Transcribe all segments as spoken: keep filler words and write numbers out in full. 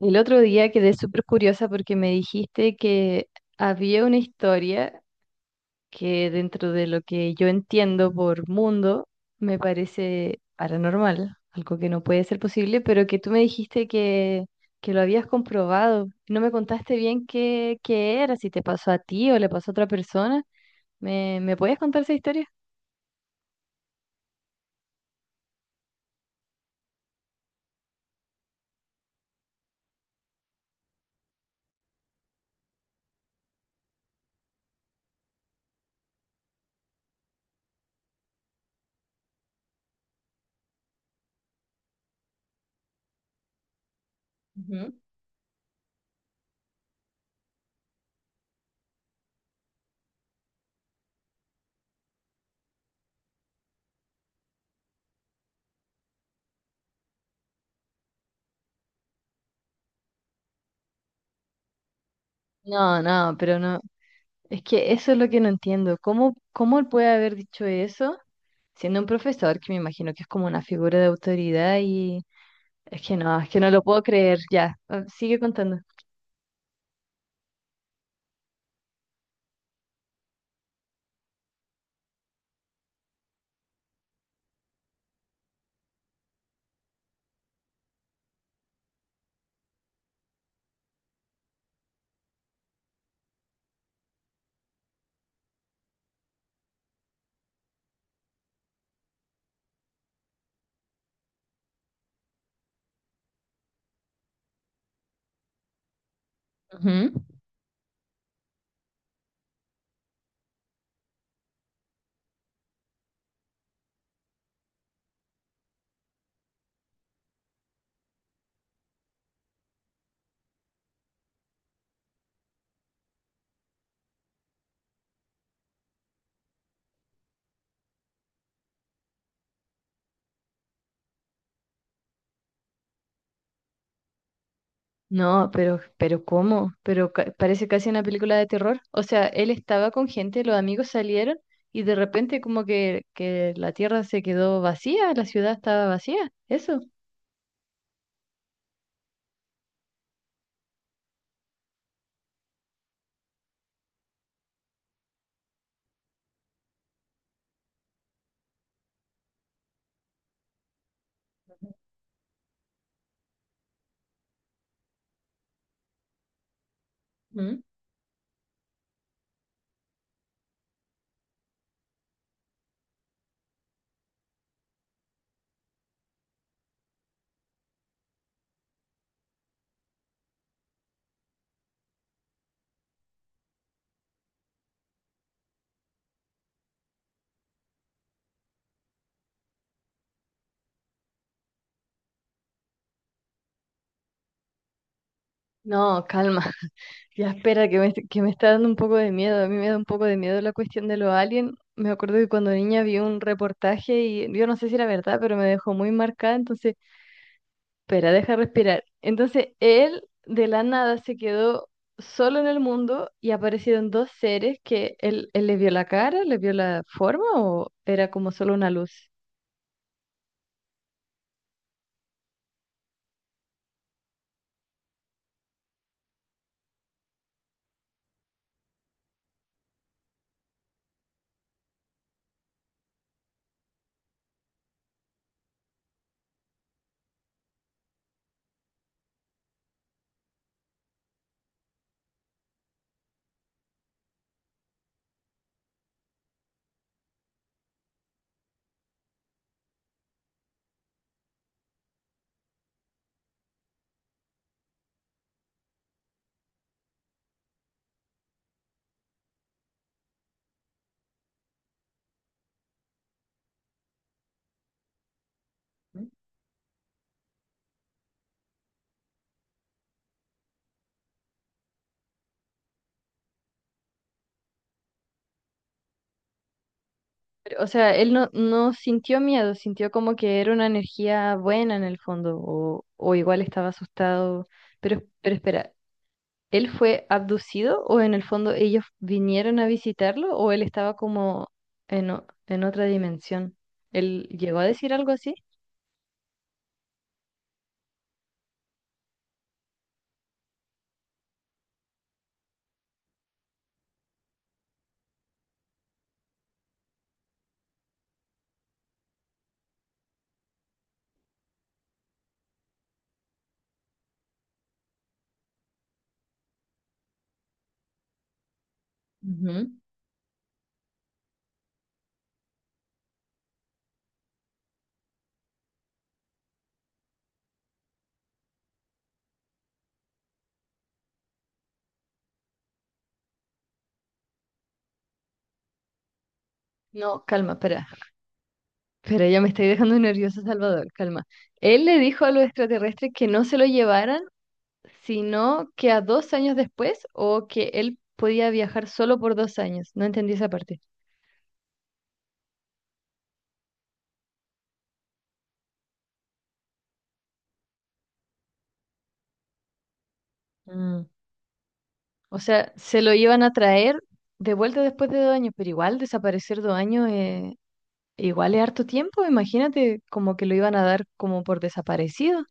El otro día quedé súper curiosa porque me dijiste que había una historia que dentro de lo que yo entiendo por mundo me parece paranormal, algo que no puede ser posible, pero que tú me dijiste que, que lo habías comprobado. No me contaste bien qué, qué era, si te pasó a ti o le pasó a otra persona. ¿Me, me puedes contar esa historia? Ujú. No, no, pero no. Es que eso es lo que no entiendo. ¿Cómo, cómo él puede haber dicho eso siendo un profesor que me imagino que es como una figura de autoridad y es que no, es que no lo puedo creer. Ya. ah, sigue contando. Ujú. No, pero, pero ¿cómo? Pero ca- parece casi una película de terror. O sea, él estaba con gente, los amigos salieron y de repente como que, que la tierra se quedó vacía, la ciudad estaba vacía. Eso. Ujú. No, calma. Ya, espera, que me, que me está dando un poco de miedo. A mí me da un poco de miedo la cuestión de los aliens. Me acuerdo que cuando niña vi un reportaje y yo no sé si era verdad, pero me dejó muy marcada. Entonces, espera, deja respirar. Entonces, él de la nada se quedó solo en el mundo y aparecieron dos seres que él, él le vio la cara, le vio la forma o era como solo una luz. Pero, o sea, él no, no sintió miedo, sintió como que era una energía buena en el fondo o, o igual estaba asustado. Pero, pero espera. ¿Él fue abducido o en el fondo ellos vinieron a visitarlo o él estaba como en, o- en otra dimensión? ¿Él llegó a decir algo así? Ujú. No, calma, espera. Pero ya me estoy dejando nervioso, Salvador, calma. Él le dijo a los extraterrestres que no se lo llevaran, sino que a dos años después o que él podía viajar solo por dos años. No entendí esa parte. Mm. O sea, se lo iban a traer de vuelta después de dos años, pero igual desaparecer dos años eh, igual es harto tiempo, imagínate como que lo iban a dar como por desaparecido.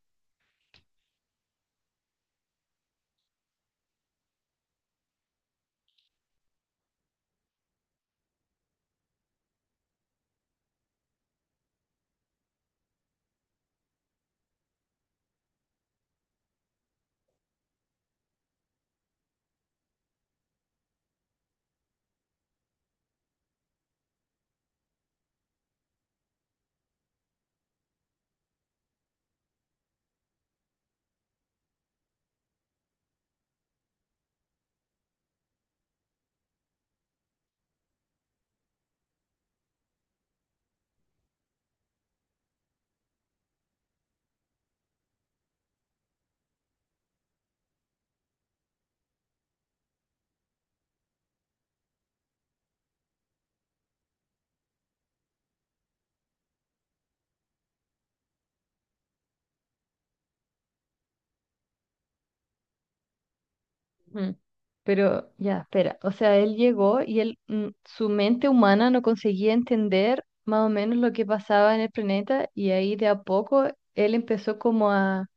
Ujú. Pero ya, espera, o sea, él llegó y él, mm, su mente humana no conseguía entender más o menos lo que pasaba en el planeta y ahí de a poco él empezó como a,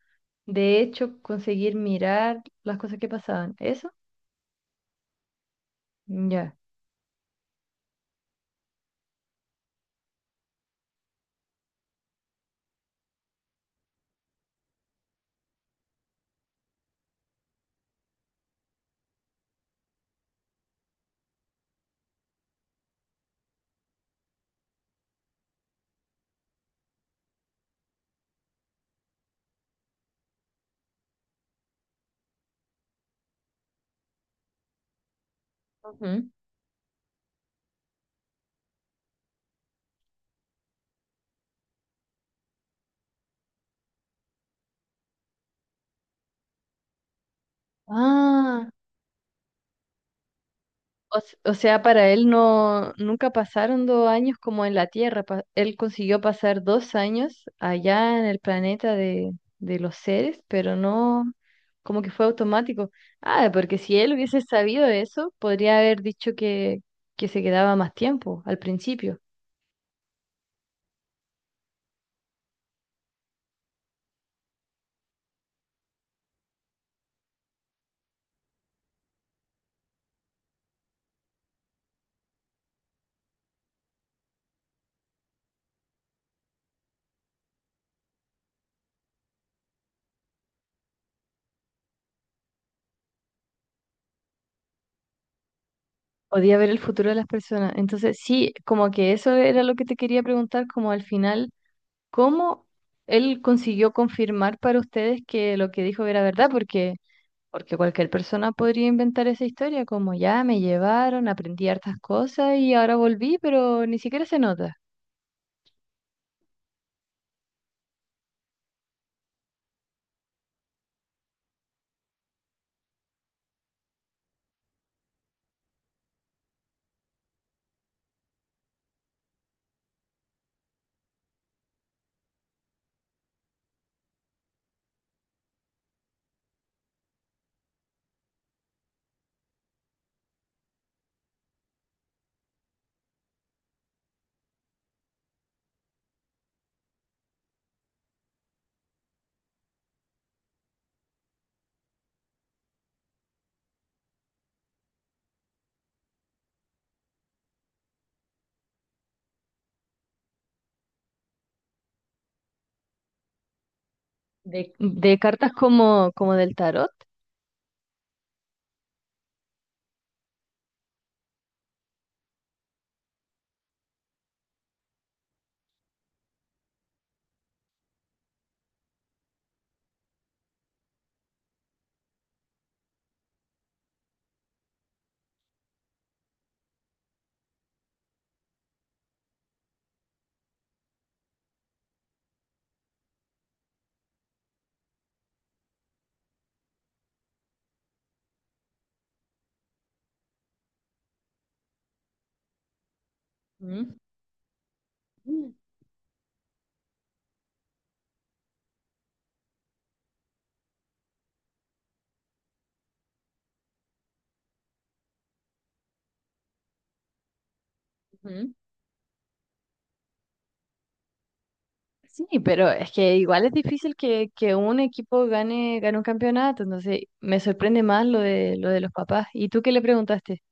de hecho, conseguir mirar las cosas que pasaban. ¿Eso? Ya. Ujú. Ah, o s- o sea, para él no, nunca pasaron dos años como en la Tierra. Pa- él consiguió pasar dos años allá en el planeta de, de los seres, pero no, como que fue automático. Ah, porque si él hubiese sabido eso, podría haber dicho que, que se quedaba más tiempo al principio. Podía ver el futuro de las personas. Entonces, sí, como que eso era lo que te quería preguntar, como al final, ¿cómo él consiguió confirmar para ustedes que lo que dijo era verdad? Porque... Porque cualquier persona podría inventar esa historia como ya me llevaron, aprendí hartas cosas y ahora volví, pero ni siquiera se nota. De... De cartas como, como del tarot. Mm, mm, ujú. Sí, pero es que igual es difícil que, que un equipo gane, gane un campeonato, entonces me sorprende más lo de, lo de los papás. ¿Y tú qué le preguntaste?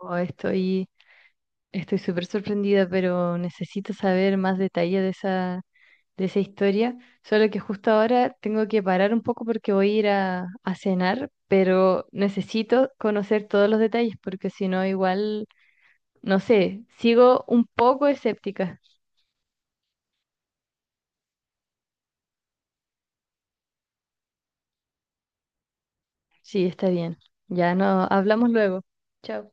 Oh, estoy, estoy súper sorprendida, pero necesito saber más detalles de esa, de esa historia, solo que justo ahora tengo que parar un poco porque voy a ir a, a cenar, pero necesito conocer todos los detalles porque si no igual, no sé, sigo un poco escéptica. Sí, está bien. Ya no, hablamos luego. Chao.